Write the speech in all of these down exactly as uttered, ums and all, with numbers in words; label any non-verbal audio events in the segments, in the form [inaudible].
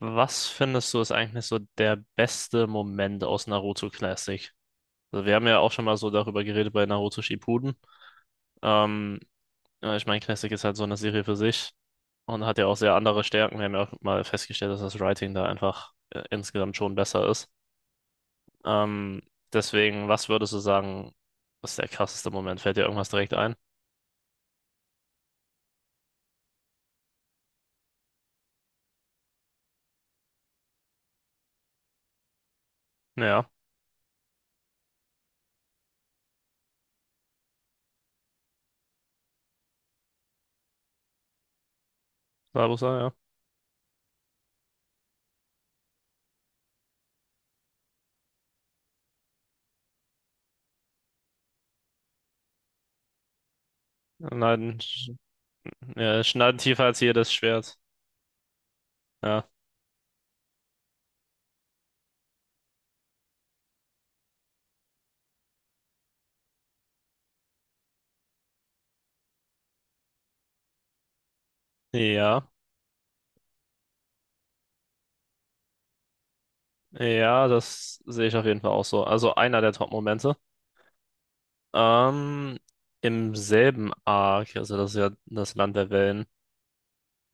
Was findest du ist eigentlich so der beste Moment aus Naruto Classic? Also wir haben ja auch schon mal so darüber geredet bei Naruto Shippuden. Ähm, ja, ich meine, Classic ist halt so eine Serie für sich und hat ja auch sehr andere Stärken. Wir haben ja auch mal festgestellt, dass das Writing da einfach äh, insgesamt schon besser ist. Ähm, deswegen, was würdest du sagen, ist der krasseste Moment? Fällt dir irgendwas direkt ein? Ja, Sabusa, ja. Schneiden, sch- ja, schneiden tiefer als jedes Schwert. Ja. Ja. Ja, das sehe ich auf jeden Fall auch so. Also einer der Top-Momente. Ähm, im selben Arc, also das ist ja das Land der Wellen,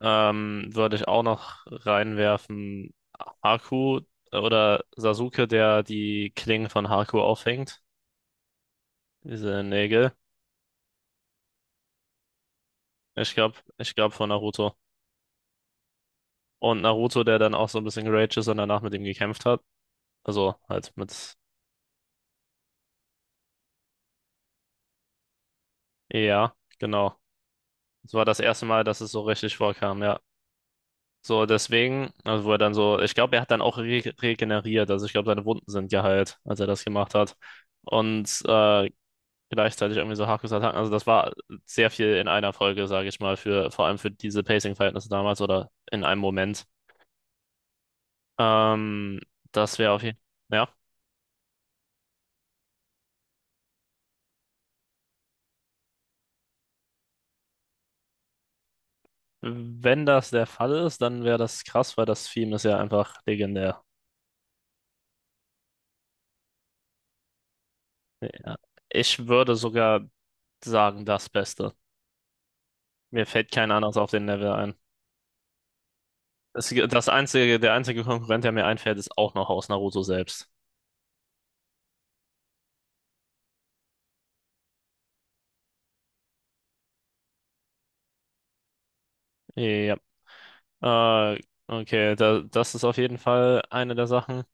ähm, würde ich auch noch reinwerfen, Haku äh, oder Sasuke, der die Klingen von Haku auffängt. Diese Nägel. Ich glaube, ich glaube von Naruto. Und Naruto, der dann auch so ein bisschen geraged ist und danach mit ihm gekämpft hat. Also halt mit, ja, genau. Das war das erste Mal, dass es so richtig vorkam, ja. So, deswegen, also wo er dann so, ich glaube, er hat dann auch re regeneriert, also ich glaube, seine Wunden sind geheilt, als er das gemacht hat. Und äh, gleichzeitig irgendwie so Hakusattacken, also das war sehr viel in einer Folge, sage ich mal, für vor allem für diese Pacing-Verhältnisse damals oder in einem Moment. Ähm, das wäre auf jeden Fall, ja, wenn das der Fall ist, dann wäre das krass, weil das Theme ist ja einfach legendär. Ja. Ich würde sogar sagen, das Beste. Mir fällt kein anderes auf den Level ein. Das, das einzige, der einzige Konkurrent, der mir einfällt, ist auch noch aus Naruto selbst. Ja. Äh, okay, da, das ist auf jeden Fall eine der Sachen.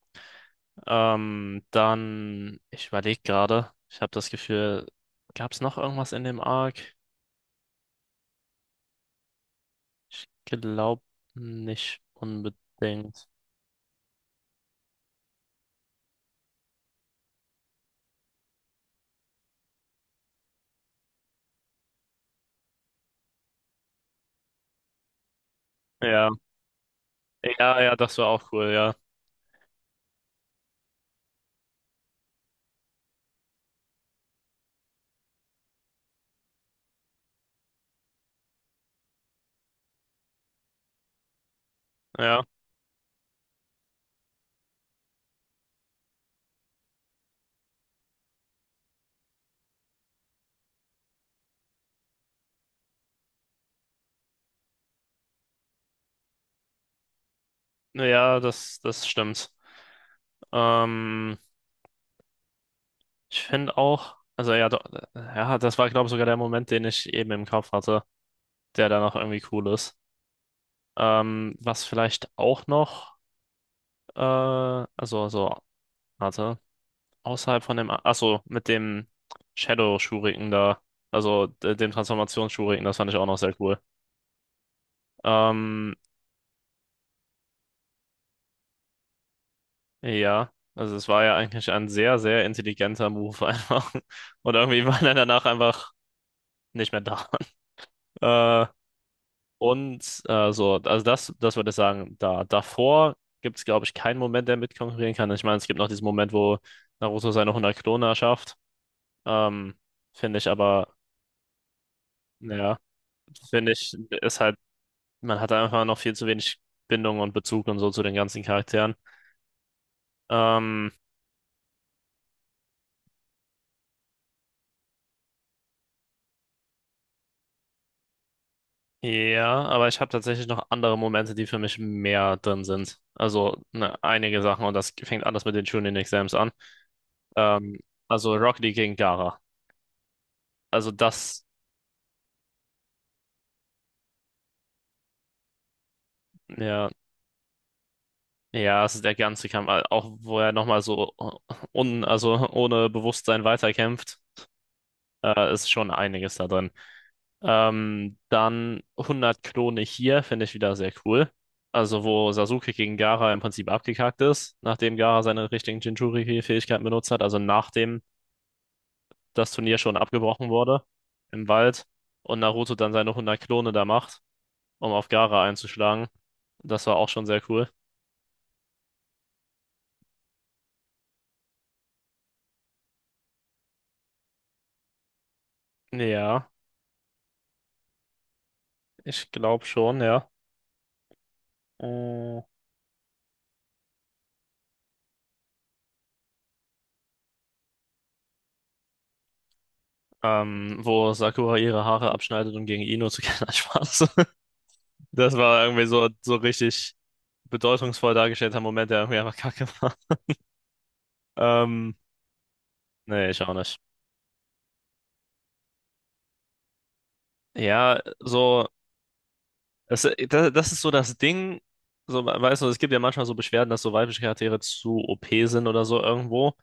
Ähm, dann, ich überlege gerade, ich habe das Gefühl, gab es noch irgendwas in dem Arc? Ich glaube nicht unbedingt. Ja, ja, ja, das war auch cool, ja. Ja, ja, das, das stimmt. Ähm, ich finde auch, also ja, do, ja, das war, glaube ich, sogar der Moment, den ich eben im Kopf hatte, der da noch irgendwie cool ist. Ähm, was vielleicht auch noch, äh, also, also, warte, außerhalb von dem, achso, mit dem Shadow Shuriken da, also de- dem Transformations Shuriken, das fand ich auch noch sehr cool. Ähm, ja, also es war ja eigentlich ein sehr, sehr intelligenter Move einfach. [laughs] Und irgendwie war er danach einfach nicht mehr da. [laughs] Äh, Und äh, so, also das, das würde ich sagen, da davor gibt es, glaube ich, keinen Moment, der mitkonkurrieren kann. Ich meine, es gibt noch diesen Moment, wo Naruto seine hundert Kloner schafft. Ähm, finde ich aber, ja, finde ich, ist halt, man hat einfach noch viel zu wenig Bindung und Bezug und so zu den ganzen Charakteren. Ähm, ja, aber ich habe tatsächlich noch andere Momente, die für mich mehr drin sind. Also ne, einige Sachen und das fängt anders mit den Chunin-Exams an. Ähm, also Rocket League gegen Gaara. Also das. Ja, ja, also der ganze Kampf, äh, auch wo er nochmal so äh, un, also ohne Bewusstsein weiterkämpft, äh, ist schon einiges da drin. Ähm, dann hundert Klone hier finde ich wieder sehr cool. Also wo Sasuke gegen Gaara im Prinzip abgekackt ist, nachdem Gaara seine richtigen Jinchuriki-Fähigkeiten benutzt hat, also nachdem das Turnier schon abgebrochen wurde im Wald und Naruto dann seine hundert Klone da macht, um auf Gaara einzuschlagen. Das war auch schon sehr cool. Ja, ich glaube schon, ja. Äh, ähm, wo Sakura ihre Haare abschneidet, um gegen Ino zu kämpfen. [laughs] Nein, Spaß. Das war irgendwie so, so richtig bedeutungsvoll dargestellter Moment, der irgendwie einfach kacke war. Ähm, nee, ich auch nicht. Ja, so, das, das, das ist so das Ding, so, weißt du, es gibt ja manchmal so Beschwerden, dass so weibliche Charaktere zu O P sind oder so irgendwo.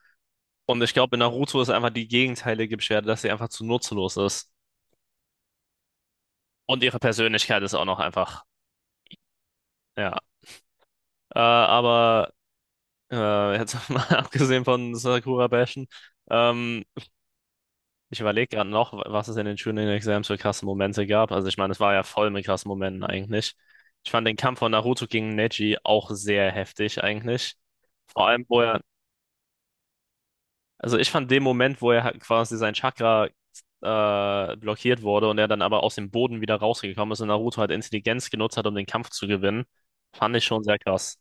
Und ich glaube, in Naruto ist einfach die gegenteilige Beschwerde, dass sie einfach zu nutzlos ist. Und ihre Persönlichkeit ist auch noch einfach, ja. Äh, aber Äh, jetzt [laughs] mal abgesehen von Sakura Bashen. Ähm, ich überlege gerade noch, was es in den Shooting Exams für krasse Momente gab. Also ich meine, es war ja voll mit krassen Momenten eigentlich. Ich fand den Kampf von Naruto gegen Neji auch sehr heftig eigentlich. Vor allem, wo er, also ich fand den Moment, wo er halt quasi sein Chakra äh, blockiert wurde und er dann aber aus dem Boden wieder rausgekommen ist und Naruto halt Intelligenz genutzt hat, um den Kampf zu gewinnen, fand ich schon sehr krass.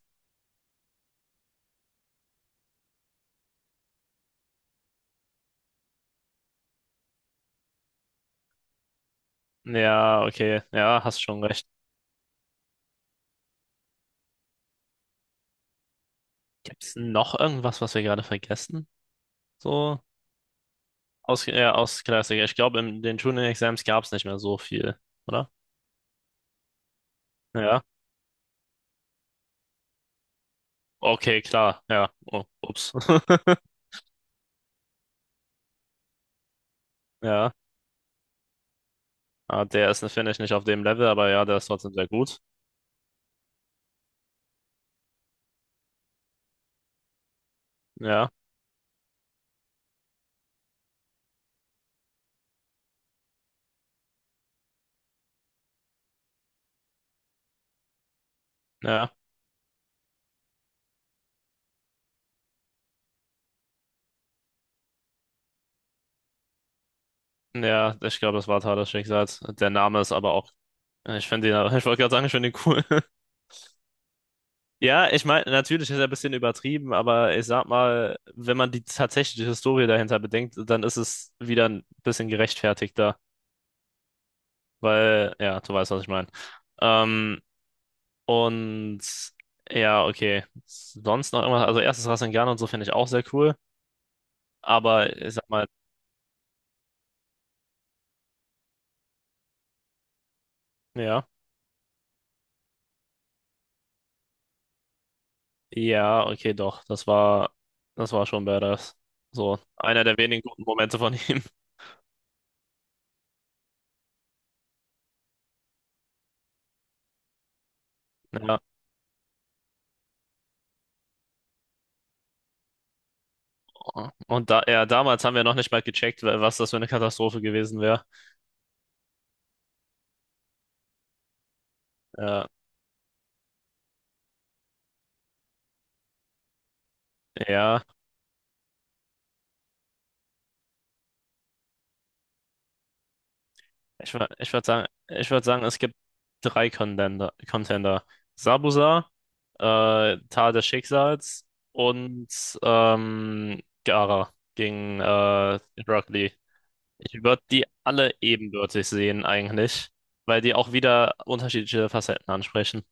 Ja, okay, ja, hast schon recht. Gibt's noch irgendwas, was wir gerade vergessen? So aus, äh, aus Klassiker. Ich glaube, in den Tuning-Exams gab es nicht mehr so viel, oder? Ja. Okay, klar. Ja. Oh, ups. [laughs] Ja. Ah, der ist, finde ich, nicht auf dem Level, aber ja, der ist trotzdem sehr gut. Ja. Ja. Ja, ich glaube, das war Tat des Schicksals. Der Name ist aber auch. Ich finde ihn, [laughs] ich wollte gerade sagen, ich finde ihn cool. [laughs] Ja, ich meine, natürlich ist er ein bisschen übertrieben, aber ich sag mal, wenn man die tatsächliche Historie dahinter bedenkt, dann ist es wieder ein bisschen gerechtfertigter. Weil, ja, du weißt, was ich meine. Ähm, und ja, okay. Sonst noch irgendwas, also erstes Rasengan und so finde ich auch sehr cool. Aber ich sag mal, ja, ja, okay, doch. Das war, das war schon badass. So, einer der wenigen guten Momente von [laughs] ihm. Ja. Und da, ja, damals haben wir noch nicht mal gecheckt, was das für eine Katastrophe gewesen wäre. Ja, ja. Ich, wür- ich würde sagen, ich würde sagen, es gibt drei Contender. Contender. Sabuza, äh, Tal des Schicksals und ähm, Gaara gegen äh, Rock Lee. Ich würde die alle ebenbürtig sehen eigentlich, weil die auch wieder unterschiedliche Facetten ansprechen.